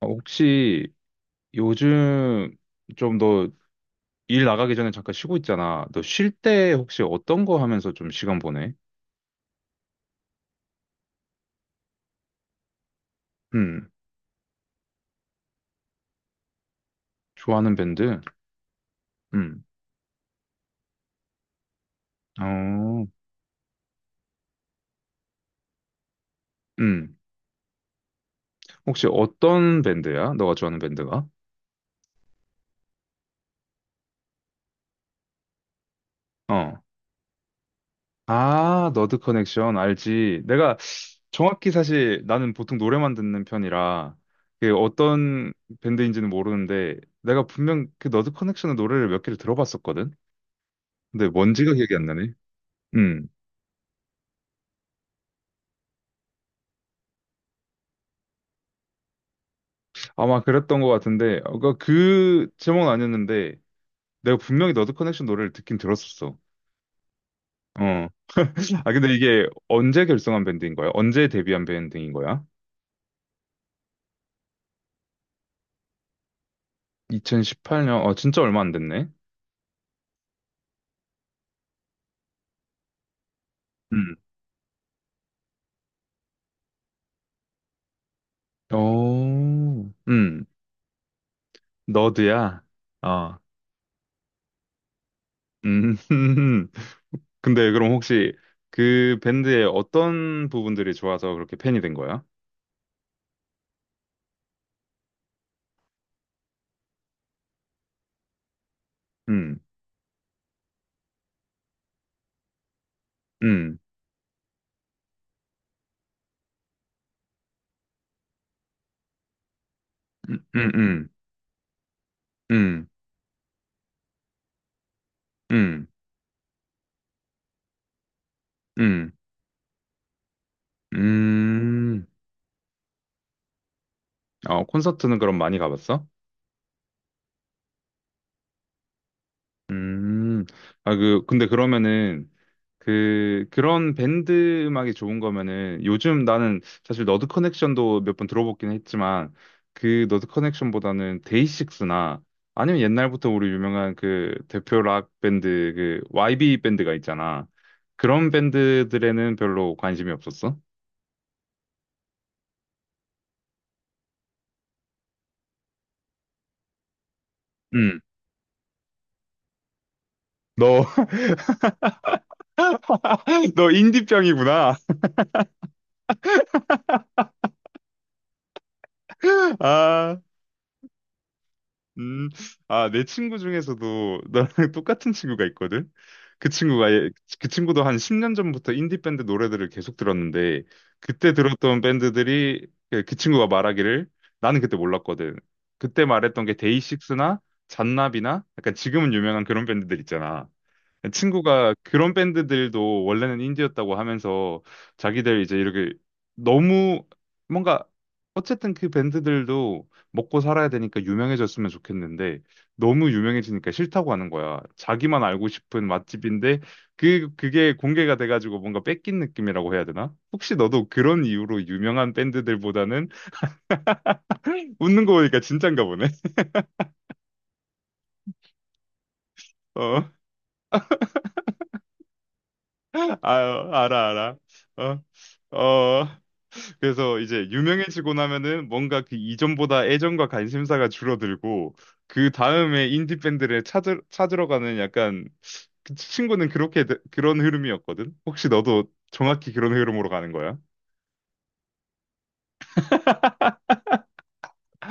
혹시 요즘 좀 너 일 나가기 전에 잠깐 쉬고 있잖아. 너 쉴 때 혹시 어떤 거 하면서 좀 시간 보내? 음. 좋아하는 밴드? 음. 어. 음. 혹시 어떤 밴드야? 너가 좋아하는 밴드가? 어. 아, 너드 커넥션 알지. 내가 정확히 사실 나는 보통 노래만 듣는 편이라 그 어떤 밴드인지는 모르는데 내가 분명 그 너드 커넥션의 노래를 몇 개를 들어봤었거든. 근데 뭔지가 기억이 안 나네. 음. 아마 그랬던 것 같은데, 어, 그그 제목은 아니었는데, 내가 분명히 너드 커넥션 노래를 듣긴 들었었어. 어. 아, 근데 이게 언제 결성한 밴드인 거야? 언제 데뷔한 밴드인 거야? 2018년, 진짜 얼마 안 됐네. 음. 오. 음. 너드야? 어. 음. 근데 그럼 혹시 그 밴드의 어떤 부분들이 좋아서 그렇게 팬이 된 거야? 음. 음. 음. 음. 음. 음. 음. 음. 음. 어, 콘서트는 그럼 많이 가봤어? 음. 아, 근데 그러면은, 그런 밴드 음악이 좋은 거면은, 요즘 나는 사실 너드 커넥션도 몇 번 들어보긴 했지만, 그 너드 커넥션보다는 데이식스나, 아니면 옛날부터 우리 유명한 그 대표 락 밴드, 그 YB 밴드가 있잖아. 그런 밴드들에는 별로 관심이 없었어? 음. 너, 너 인디병이구나. 아. 음, 아, 내 친구 중에서도 나랑 똑같은 친구가 있거든? 그 친구가, 그 친구도 한 10년 전부터 인디밴드 노래들을 계속 들었는데, 그때 들었던 밴드들이, 그 친구가 말하기를, 나는 그때 몰랐거든. 그때 말했던 게 데이식스나 잔나비나, 약간 지금은 유명한 그런 밴드들 있잖아. 친구가 그런 밴드들도 원래는 인디였다고 하면서 자기들 이제 이렇게 너무 뭔가 어쨌든 그 밴드들도 먹고 살아야 되니까 유명해졌으면 좋겠는데 너무 유명해지니까 싫다고 하는 거야. 자기만 알고 싶은 맛집인데 그게 공개가 돼가지고 뭔가 뺏긴 느낌이라고 해야 되나? 혹시 너도 그런 이유로 유명한 밴드들보다는 웃는 거 보니까 진짠가 보네. 어, 아, 알아 알아. 어, 어. 그래서 이제 유명해지고 나면은 뭔가 그 이전보다 애정과 관심사가 줄어들고 그 다음에 인디 밴드를 찾으러 가는 약간 그 친구는 그렇게 그런 흐름이었거든. 혹시 너도 정확히 그런 흐름으로 가는 거야?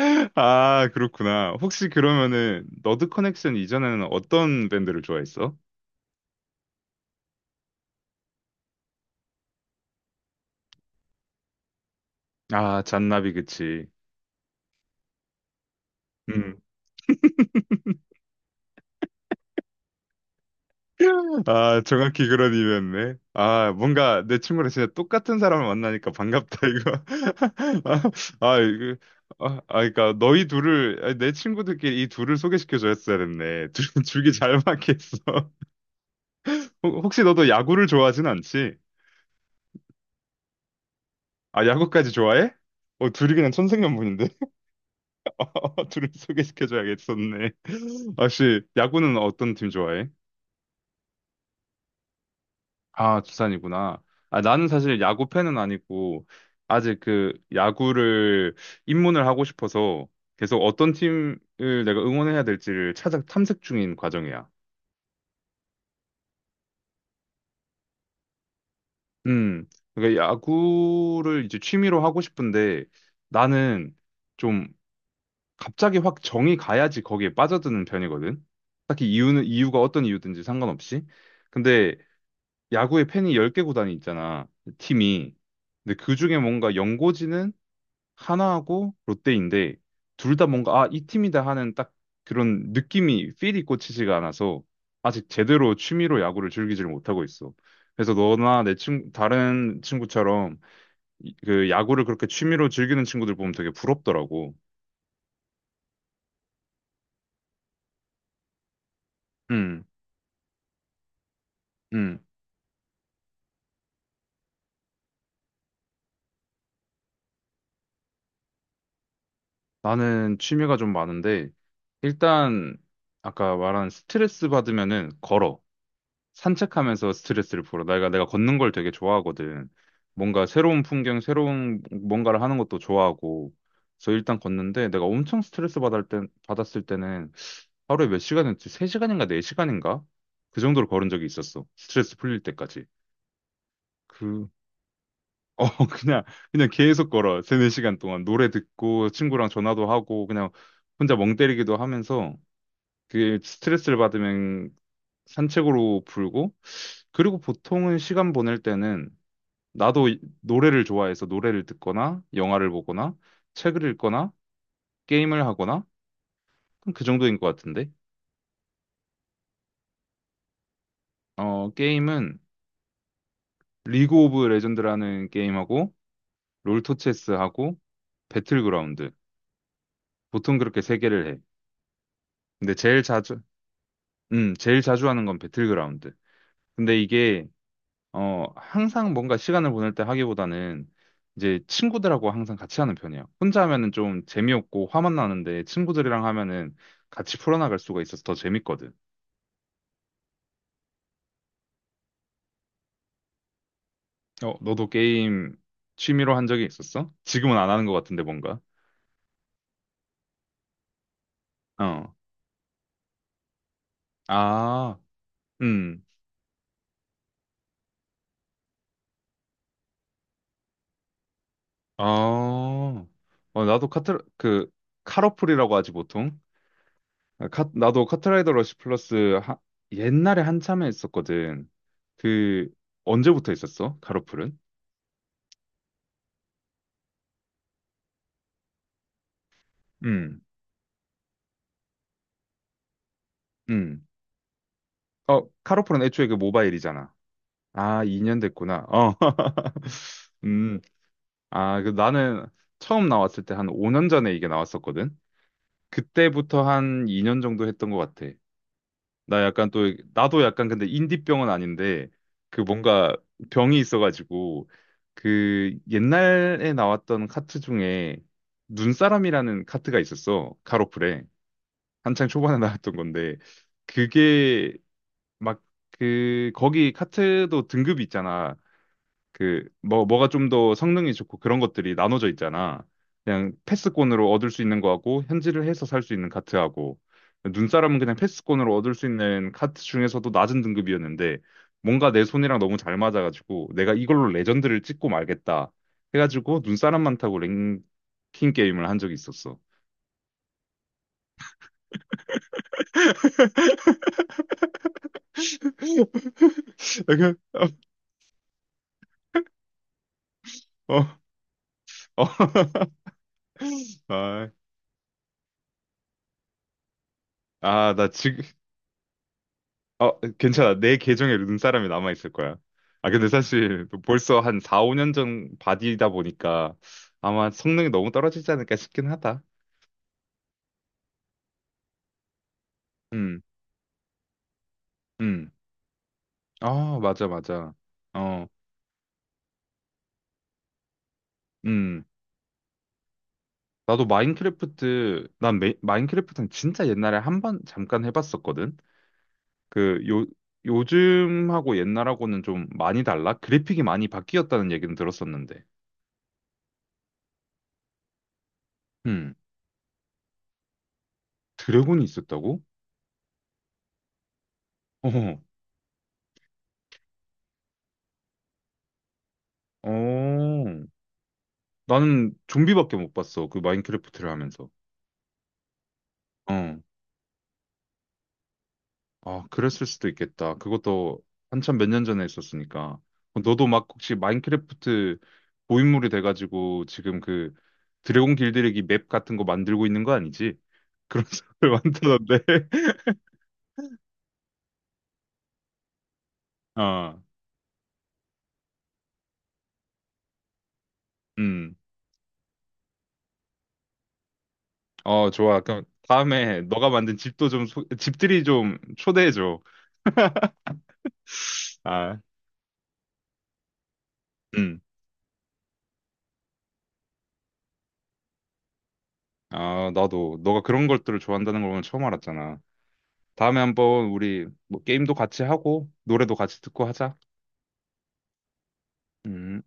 아, 그렇구나. 혹시 그러면은 너드 커넥션 이전에는 어떤 밴드를 좋아했어? 아, 잔나비 그치. 음. 아, 정확히 그런 일이었네. 아, 뭔가 내 친구랑 진짜 똑같은 사람을 만나니까 반갑다, 이거. 아, 아, 이거. 아, 아, 그러니까 너희 둘을 아니, 내 친구들끼리 이 둘을 소개시켜 줬어야 됐네. 둘 둘이 잘 맞겠어. 혹시 너도 야구를 좋아하진 않지? 아, 야구까지 좋아해? 어, 둘이 그냥 천생연분인데. 어, 둘을 소개시켜 줘야겠었네. 혹시 야구는 어떤 팀 좋아해? 아, 두산이구나. 아, 나는 사실 야구 팬은 아니고, 아직 그 야구를 입문을 하고 싶어서 계속 어떤 팀을 내가 응원해야 될지를 찾아 탐색 중인 과정이야. 음, 그러니까 야구를 이제 취미로 하고 싶은데 나는 좀 갑자기 확 정이 가야지 거기에 빠져드는 편이거든. 딱히 이유는, 이유가 어떤 이유든지 상관없이. 근데 야구에 팬이 10개 구단이 있잖아, 팀이. 근데 그 중에 뭔가 연고지는 하나하고 롯데인데 둘 다 뭔가 아, 이 팀이다 하는 딱 그런 느낌이 필이 꽂히지가 않아서 아직 제대로 취미로 야구를 즐기질 못하고 있어. 그래서 너나 다른 친구처럼 그 야구를 그렇게 취미로 즐기는 친구들 보면 되게 부럽더라고. 음. 음. 나는 취미가 좀 많은데 일단 아까 말한 스트레스 받으면은 걸어. 산책하면서 스트레스를 풀어. 내가 걷는 걸 되게 좋아하거든. 뭔가 새로운 풍경, 새로운 뭔가를 하는 것도 좋아하고. 그래서 일단 걷는데 내가 엄청 스트레스 받을 때, 받았을 때는 하루에 몇 시간이었지? 3시간인가 4시간인가? 그 정도로 걸은 적이 있었어. 스트레스 풀릴 때까지. 그 어, 그냥 그냥 계속 걸어. 3, 4시간 동안 노래 듣고 친구랑 전화도 하고 그냥 혼자 멍 때리기도 하면서 그게 스트레스를 받으면 산책으로 풀고 그리고 보통은 시간 보낼 때는 나도 노래를 좋아해서 노래를 듣거나 영화를 보거나 책을 읽거나 게임을 하거나 그럼 그 정도인 것 같은데. 어, 게임은 리그 오브 레전드라는 게임하고 롤토체스하고 배틀그라운드. 보통 그렇게 세 개를 해. 근데 제일 자주 하는 건 배틀그라운드. 근데 이게 항상 뭔가 시간을 보낼 때 하기보다는 이제 친구들하고 항상 같이 하는 편이에요. 혼자 하면은 좀 재미없고 화만 나는데 친구들이랑 하면은 같이 풀어나갈 수가 있어서 더 재밌거든. 어, 너도 게임 취미로 한 적이 있었어? 지금은 안 하는 것 같은데 뭔가. 어. 아, 음. 아, 나도 카트, 카로플이라고 하지 보통. 아, 나도 카트라이더 러시 플러스 옛날에 한참에 했었거든. 그, 언제부터 있었어? 카로플은? 음. 음. 어, 카로플은 애초에 그 모바일이잖아. 아, 2년 됐구나. 어. 음, 아, 그 나는 처음 나왔을 때 한 5년 전에 이게 나왔었거든. 그때부터 한 2년 정도 했던 것 같아. 나 약간 또, 나도 약간 근데 인디병은 아닌데, 그 뭔가 병이 있어가지고, 그 옛날에 나왔던 카트 중에 눈사람이라는 카트가 있었어. 카로플에. 한창 초반에 나왔던 건데, 그게 막 그 거기 카트도 등급이 있잖아. 그 뭐가 좀 더 성능이 좋고 그런 것들이 나눠져 있잖아. 그냥 패스권으로 얻을 수 있는 거하고 현질을 해서 살 수 있는 카트하고 눈사람은 그냥 패스권으로 얻을 수 있는 카트 중에서도 낮은 등급이었는데 뭔가 내 손이랑 너무 잘 맞아가지고 내가 이걸로 레전드를 찍고 말겠다 해가지고 눈사람만 타고 랭킹 게임을 한 적이 있었어. 어, 어. 아, 아, 괜찮아. 내 계정에 눈사람이 남아있을 거야. 아, 근데 사실 뭐 벌써 한 4, 5년 전 바디다 보니까 아마 성능이 너무 떨어지지 않을까 싶긴 하다. 음. 음. 아, 맞아, 맞아. 어. 음. 나도 마인크래프트, 마인크래프트는 진짜 옛날에 한번 잠깐 해봤었거든. 그, 요, 요즘하고 옛날하고는 좀 많이 달라? 그래픽이 많이 바뀌었다는 얘기는 들었었는데. 음. 드래곤이 있었다고? 어, 어. 나는 좀비밖에 못 봤어. 그 마인크래프트를 하면서. 어. 아, 그랬을 수도 있겠다. 그것도 한참 몇 년 전에 있었으니까. 너도 막 혹시 마인크래프트 고인물이 돼가지고 지금 그 드래곤 길들이기 맵 같은 거 만들고 있는 거 아니지? 그런 사람을 만드는데. 어, 음. 어, 좋아. 그럼 다음에 너가 만든 집도 좀, 집들이 좀 초대해줘. 아, 음. 아, 나도 너가 그런 것들을 좋아한다는 걸 오늘 처음 알았잖아. 다음에 한번 우리 뭐 게임도 같이 하고 노래도 같이 듣고 하자. 음.